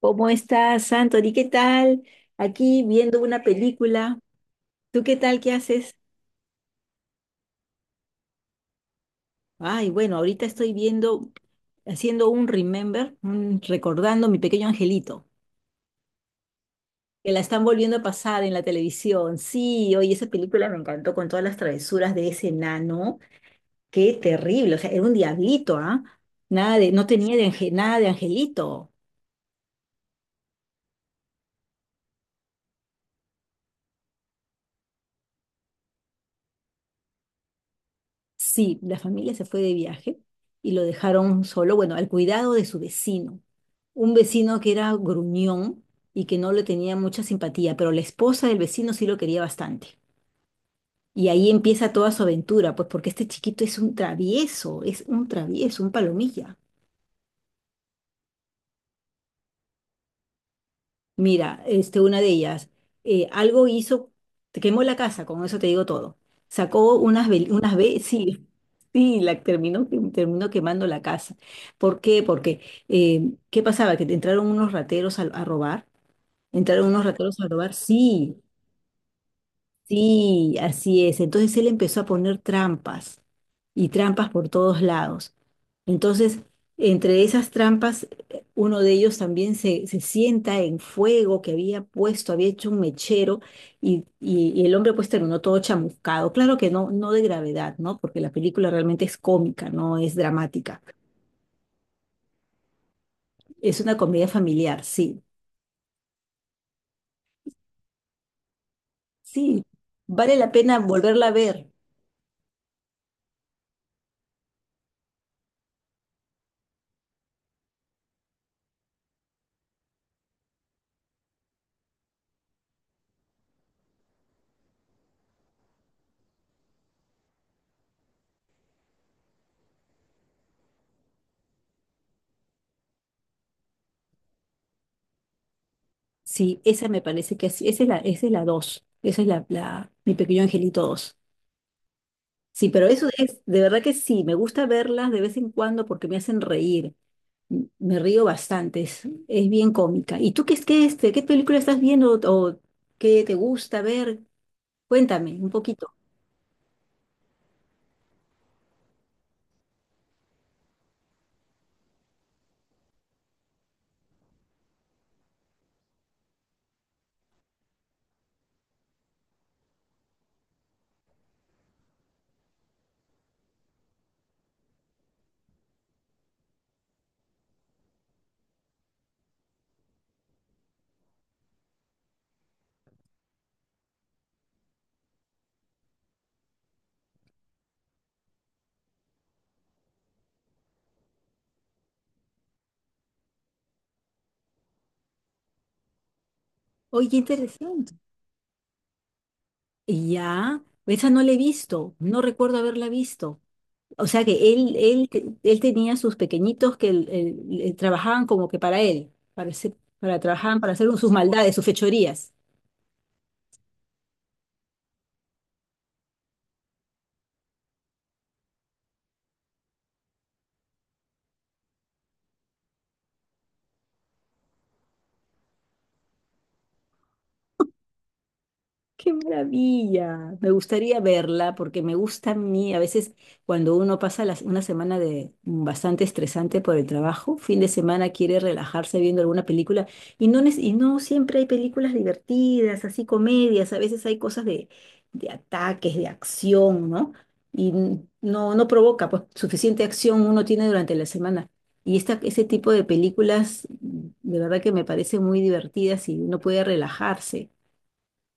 ¿Cómo estás, Anthony? ¿Qué tal? Aquí viendo una película. ¿Tú qué tal? ¿Qué haces? Ay, bueno, ahorita estoy viendo, haciendo un remember, recordando mi pequeño angelito, que la están volviendo a pasar en la televisión. Sí, oye, esa película me encantó con todas las travesuras de ese enano. Qué terrible, o sea, era un diablito, ¿ah? Nada de, no tenía de, nada de angelito. Sí, la familia se fue de viaje y lo dejaron solo, bueno, al cuidado de su vecino. Un vecino que era gruñón y que no le tenía mucha simpatía, pero la esposa del vecino sí lo quería bastante. Y ahí empieza toda su aventura, pues porque este chiquito es un travieso, un palomilla. Mira, este, una de ellas, algo hizo, te quemó la casa, con eso te digo todo. Sacó unas, unas sí, sí, la terminó, terminó quemando la casa. ¿Por qué? Porque, ¿qué pasaba? Que entraron unos rateros a robar, entraron unos rateros a robar, sí. Sí, así es. Entonces él empezó a poner trampas y trampas por todos lados. Entonces, entre esas trampas, uno de ellos también se sienta en fuego que había puesto, había hecho un mechero y, y el hombre pues terminó todo chamuscado. Claro que no, no de gravedad, ¿no? Porque la película realmente es cómica, no es dramática. Es una comedia familiar, sí. Sí, vale la pena volverla a ver. Sí, esa me parece que sí, esa es la dos, esa es la, mi pequeño angelito dos. Sí, pero eso es, de verdad que sí, me gusta verlas de vez en cuando porque me hacen reír, me río bastante, es bien cómica. ¿Y tú qué es que este, qué película estás viendo o qué te gusta ver? Cuéntame un poquito. Oye, qué interesante. Y ya, esa no la he visto, no recuerdo haberla visto. O sea que él, él tenía sus pequeñitos que él trabajaban como que para él, para, para trabajaban para hacer sus maldades, sus fechorías. Qué maravilla. Me gustaría verla porque me gusta a mí. A veces cuando uno pasa una semana de bastante estresante por el trabajo, fin de semana quiere relajarse viendo alguna película y no, y no siempre hay películas divertidas, así comedias. A veces hay cosas de ataques, de acción, ¿no? Y no, no provoca, pues suficiente acción uno tiene durante la semana. Y esta, ese tipo de películas de verdad que me parecen muy divertidas y uno puede relajarse.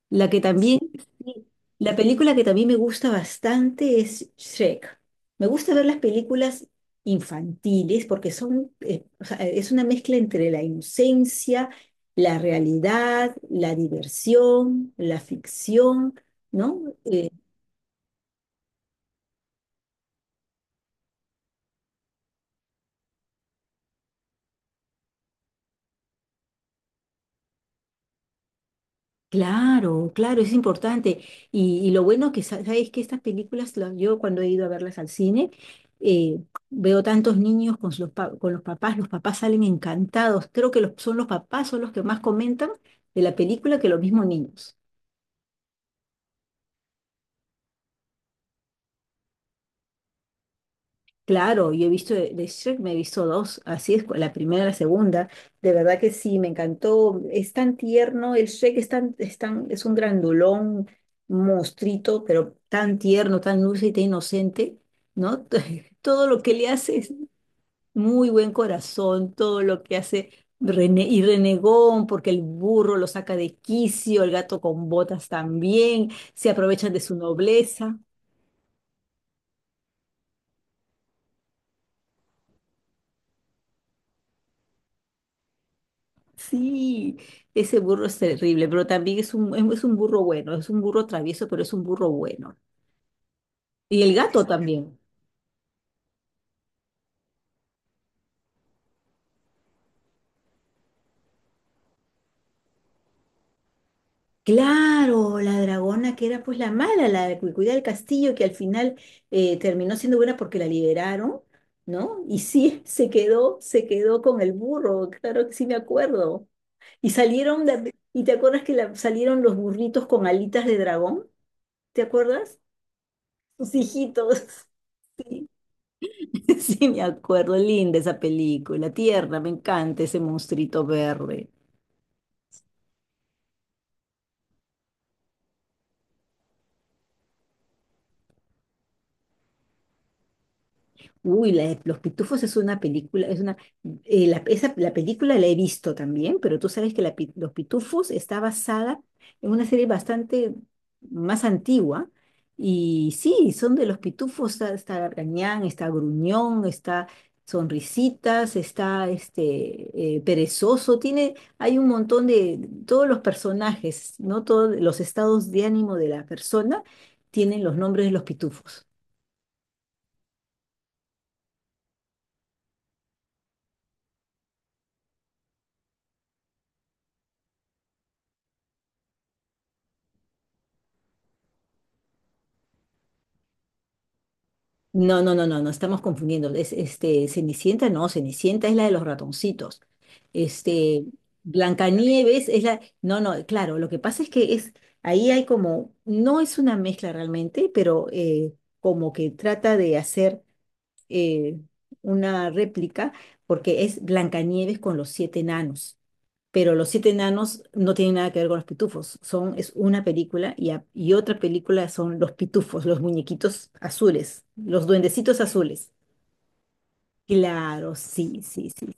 La que también, sí. Sí, la película que también me gusta bastante es Shrek. Me gusta ver las películas infantiles porque son, o sea, es una mezcla entre la inocencia, la realidad, la diversión, la ficción, ¿no? Claro, claro, es importante. Y lo bueno que sabes que estas películas, la- yo cuando he ido a verlas al cine, eh, veo tantos niños con los, con los papás salen encantados. Creo que son los papás, son los que más comentan de la película que los mismos niños. Claro, yo he visto de Shrek, me he visto dos, así es, la primera y la segunda. De verdad que sí, me encantó. Es tan tierno, el Shrek es tan, es un grandulón, monstruito, pero tan tierno, tan dulce y tan inocente, ¿no? Todo lo que le hace es muy buen corazón, todo lo que hace y renegón, porque el burro lo saca de quicio, el gato con botas también, se aprovechan de su nobleza. Sí, ese burro es terrible, pero también es un, es un burro bueno, es un burro travieso, pero es un burro bueno. Y el gato también. Claro, la dragona que era pues la mala, la que cuidaba el castillo, que al final terminó siendo buena porque la liberaron, ¿no? Y sí, se quedó con el burro, claro que sí me acuerdo. Y salieron, ¿y te acuerdas que salieron los burritos con alitas de dragón? ¿Te acuerdas? Sus hijitos. Sí, me acuerdo, linda esa película, tierna, me encanta ese monstruito verde. Uy, la Los Pitufos es una película, es una, la, la película la he visto también, pero tú sabes que la Los Pitufos está basada en una serie bastante más antigua. Y sí, son de los pitufos, está, está Gargañán, está Gruñón, está Sonrisitas, está este Perezoso, tiene, hay un montón de, todos los personajes, ¿no? Todos los estados de ánimo de la persona tienen los nombres de los pitufos. No, no, no, no, no estamos confundiendo. Es, este, Cenicienta, no, Cenicienta es la de los ratoncitos. Este, Blancanieves es la. No, no, claro, lo que pasa es que es, ahí hay como, no es una mezcla realmente, pero como que trata de hacer eh, una réplica, porque es Blancanieves con los siete enanos, pero Los Siete Enanos no tiene nada que ver con los pitufos. Son, es una película y, y otra película son los pitufos, los muñequitos azules, los duendecitos azules. Claro, sí, sí, sí.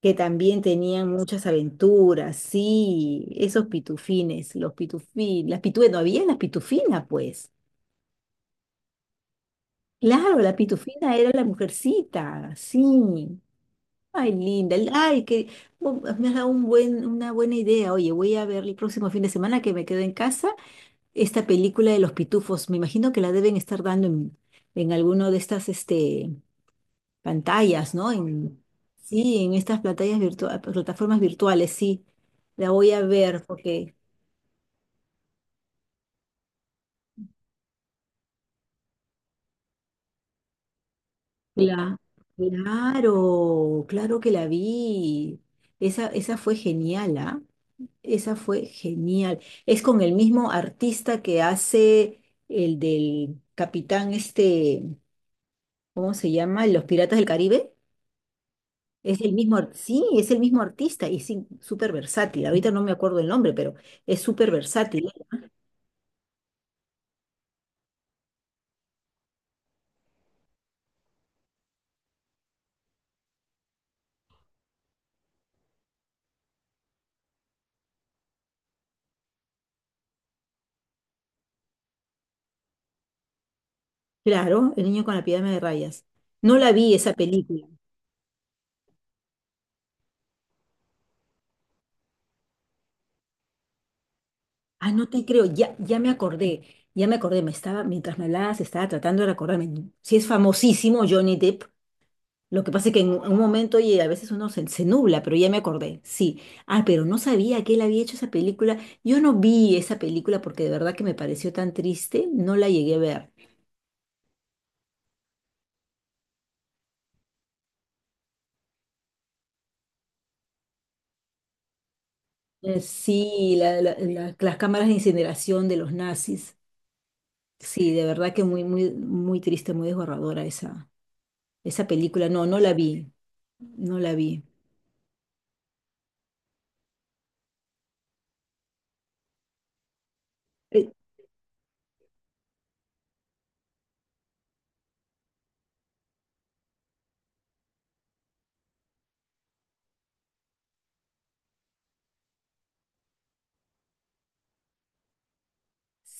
Que también tenían muchas aventuras, sí, esos pitufines, los pitufines, las pitufines, no había las pitufinas pues. Claro, la pitufina era la mujercita, sí. Ay, linda, ay, que me has dado un buen, una buena idea. Oye, voy a ver el próximo fin de semana que me quedo en casa esta película de los pitufos. Me imagino que la deben estar dando en alguno de estas este, pantallas, ¿no? En, sí, en estas plataformas virtuales, sí. La voy a ver porque la, claro, claro que la vi. Esa fue genial, ¿ah? Esa fue genial. Es con el mismo artista que hace el del capitán, este, ¿cómo se llama? Los Piratas del Caribe. Es el mismo, sí, es el mismo artista y sí, súper versátil. Ahorita no me acuerdo el nombre, pero es súper versátil. Claro, El Niño con la Pijama de Rayas. No la vi esa película. Ah, no te creo, ya, ya me acordé, me estaba, mientras me hablabas, estaba tratando de acordarme. Sí, es famosísimo Johnny Depp. Lo que pasa es que en un momento, oye, a veces uno se, se nubla, pero ya me acordé, sí. Ah, pero no sabía que él había hecho esa película. Yo no vi esa película porque de verdad que me pareció tan triste, no la llegué a ver. Sí, las cámaras de incineración de los nazis. Sí, de verdad que muy, muy, muy triste, muy desgarradora esa, esa película. No, no la vi, no la vi. Eh,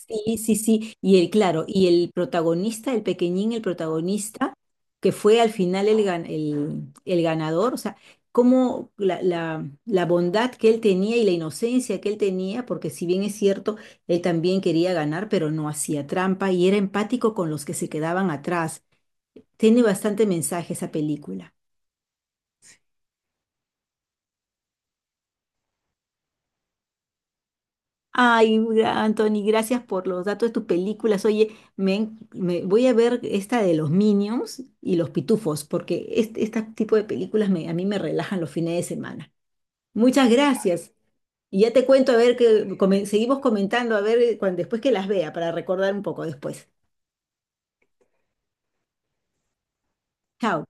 Sí, sí, sí. Y el, claro, y el protagonista, el pequeñín, el protagonista, que fue al final el, el ganador, o sea, cómo la, la, la bondad que él tenía y la inocencia que él tenía, porque si bien es cierto, él también quería ganar, pero no hacía trampa y era empático con los que se quedaban atrás. Tiene bastante mensaje esa película. Ay, Anthony, gracias por los datos de tus películas. Oye, me, voy a ver esta de los Minions y los Pitufos, porque este tipo de películas a mí me relajan los fines de semana. Muchas gracias. Y ya te cuento, a ver, que seguimos comentando, a ver, después que las vea, para recordar un poco después. Chao.